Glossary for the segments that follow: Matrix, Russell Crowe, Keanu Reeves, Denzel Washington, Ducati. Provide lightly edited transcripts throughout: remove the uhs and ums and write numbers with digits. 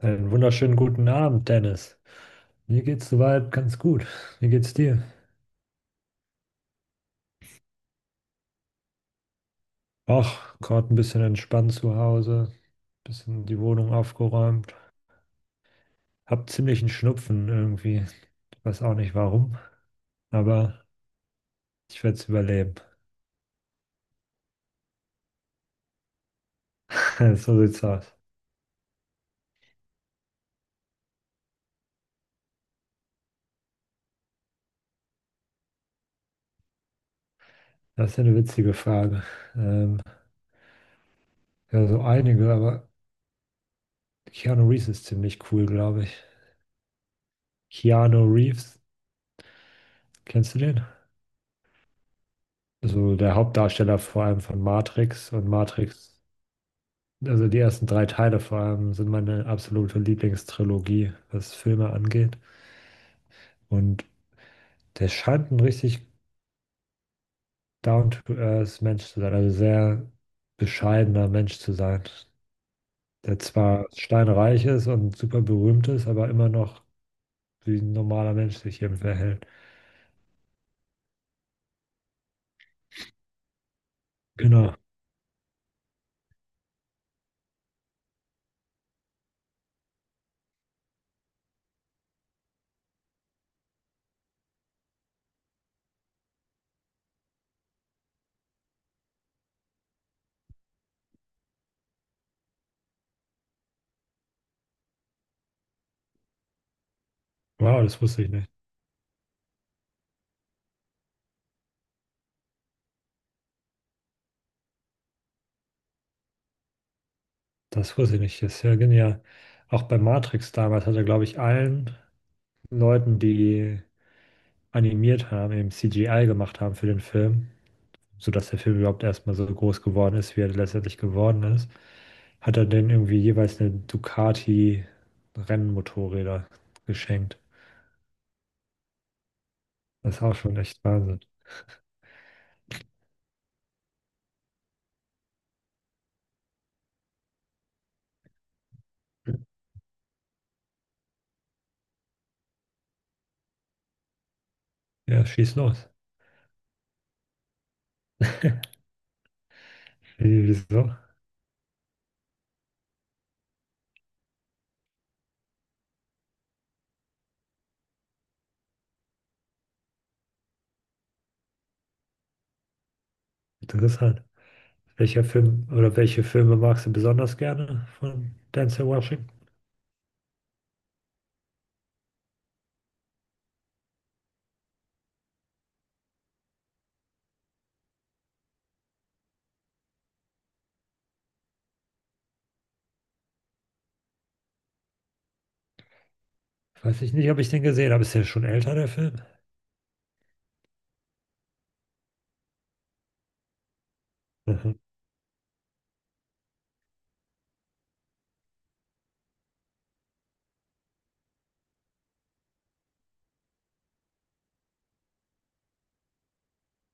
Einen wunderschönen guten Abend, Dennis. Mir geht's soweit ganz gut. Wie geht's dir? Ach, gerade ein bisschen entspannt zu Hause, bisschen die Wohnung aufgeräumt. Hab ziemlich einen Schnupfen irgendwie. Ich weiß auch nicht warum, aber ich werde es überleben. So sieht's aus. Das ist eine witzige Frage. Ähm, ja, so einige, aber Keanu Reeves ist ziemlich cool, glaube ich. Keanu Reeves, kennst du den? Also der Hauptdarsteller vor allem von Matrix und Matrix. Also die ersten drei Teile vor allem sind meine absolute Lieblingstrilogie, was Filme angeht. Und der scheint ein richtig down-to-earth Mensch zu sein, also sehr bescheidener Mensch zu sein, der zwar steinreich ist und super berühmt ist, aber immer noch wie ein normaler Mensch sich eben verhält. Genau. Wow, das wusste ich nicht. Das wusste ich nicht. Das ist ja genial. Auch bei Matrix damals hat er, glaube ich, allen Leuten, die animiert haben, eben CGI gemacht haben für den Film, sodass der Film überhaupt erstmal so groß geworden ist, wie er letztendlich geworden ist, hat er denen irgendwie jeweils eine Ducati Rennmotorräder geschenkt. Das ist auch schon echt Wahnsinn. Ja, schieß los. Wie- Wieso? Interessant. Welcher Film oder welche Filme magst du besonders gerne von Denzel Washington? Weiß ich nicht, ob ich den gesehen habe. Ist ja schon älter, der Film? Mhm.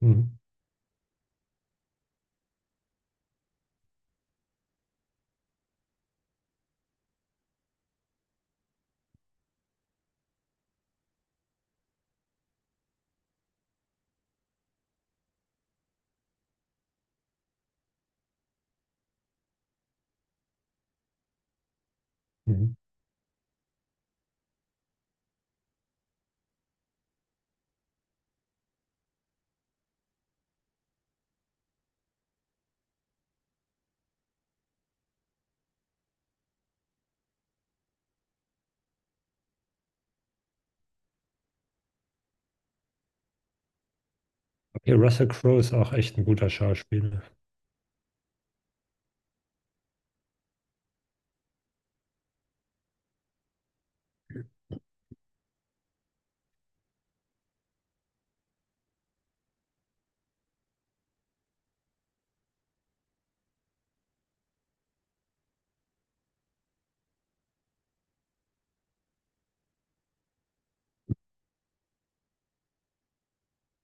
Mhm. Mhm. Okay, Russell Crowe ist auch echt ein guter Schauspieler.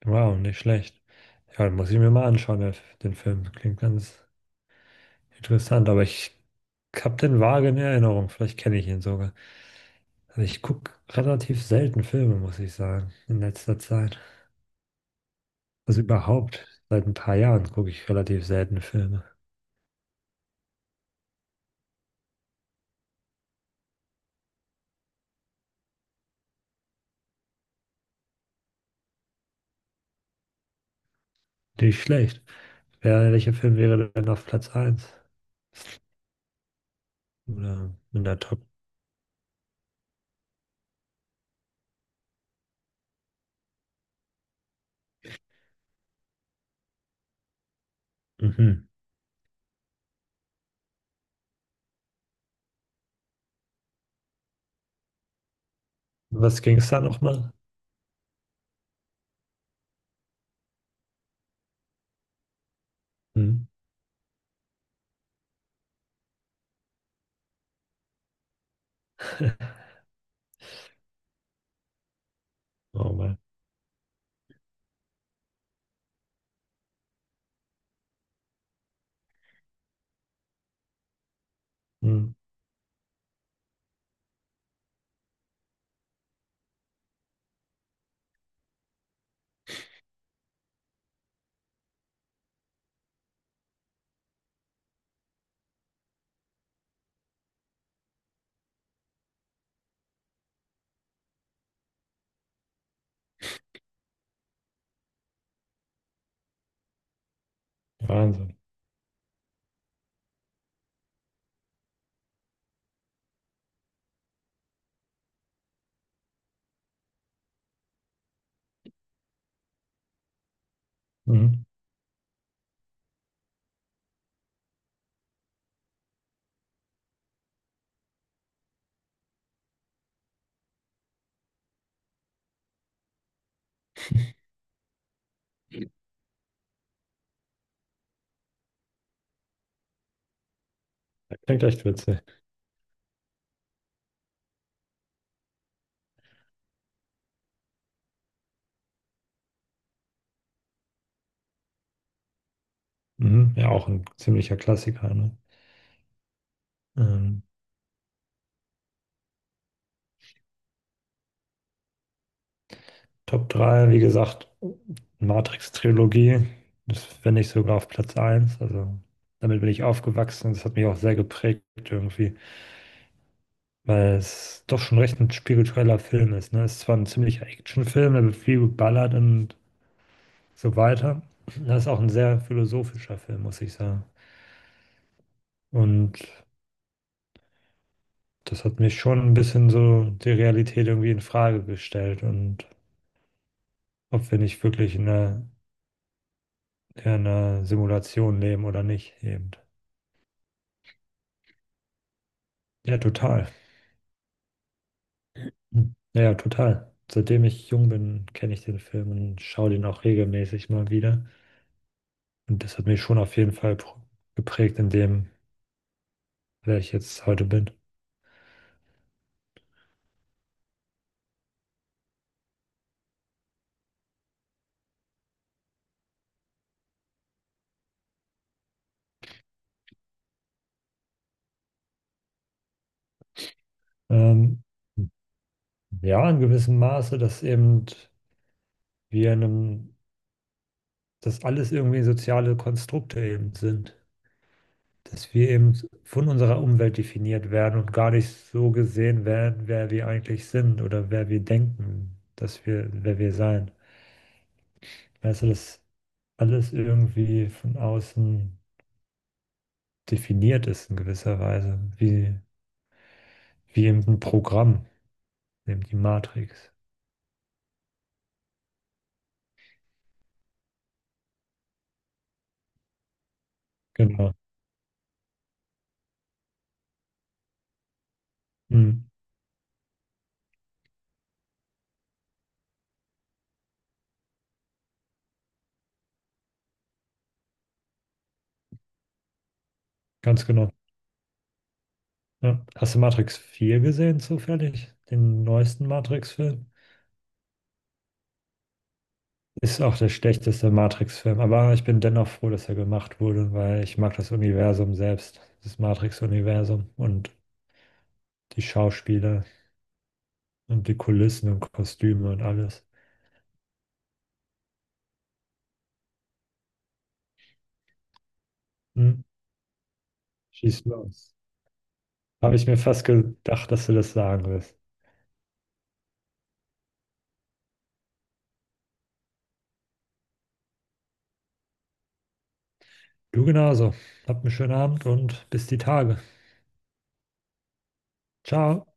Wow, nicht schlecht. Ja, den muss ich mir mal anschauen, der- den Film. Klingt ganz, interessant, aber ich habe den vage in Erinnerung. Vielleicht kenne ich ihn sogar. Also ich gucke relativ selten Filme, muss ich sagen, in letzter Zeit. Also überhaupt, seit ein paar Jahren gucke ich relativ selten Filme. Nicht schlecht. Wer, welcher Film wäre denn auf Platz 1? Oder in der Top? Mhm. Was ging es da nochmal? Mhm. Oh Mann. Mhm. Wahnsinn. Mhm. Das klingt echt witzig. Mhm. Ja, auch ein ziemlicher Klassiker, ne? Ähm, Top 3, wie gesagt, Matrix-Trilogie. Das finde ich sogar auf Platz 1. Also damit bin ich aufgewachsen. Das hat mich auch sehr geprägt irgendwie, weil es doch schon recht ein spiritueller Film ist. Ne? Es ist zwar ein ziemlicher Actionfilm, da wird viel geballert und so weiter. Das ist auch ein sehr philosophischer Film, muss ich sagen. Und das hat mich schon ein bisschen so die Realität irgendwie in Frage gestellt und ob wir nicht wirklich in einer Simulation leben oder nicht eben. Ja, total. Hm. Ja, ja, total. Seitdem ich jung bin, kenne ich den Film und schaue den auch regelmäßig mal wieder. Und das hat mich schon auf jeden Fall pro- geprägt in dem, wer ich jetzt heute bin. Ähm, ja, in gewissem Maße, dass eben wir in einem, dass alles irgendwie soziale Konstrukte eben sind. Dass wir eben von unserer Umwelt definiert werden und gar nicht so gesehen werden, wer wir eigentlich sind oder wer wir denken, dass wir, wer wir sein. Also, dass alles irgendwie von außen definiert ist in gewisser Weise, wie, wie eben ein Programm, eben die Matrix. Genau. Mhm. Ganz genau. Ja. Hast du Matrix 4 gesehen, zufällig? Den neuesten Matrix-Film? Ist auch der schlechteste Matrix-Film, aber ich bin dennoch froh, dass er gemacht wurde, weil ich mag das Universum selbst, das Matrix-Universum und die Schauspieler und die Kulissen und Kostüme und alles. Mhm. Schieß los. Habe ich mir fast gedacht, dass du das sagen wirst. Du genauso. Habt einen schönen Abend und bis die Tage. Ciao.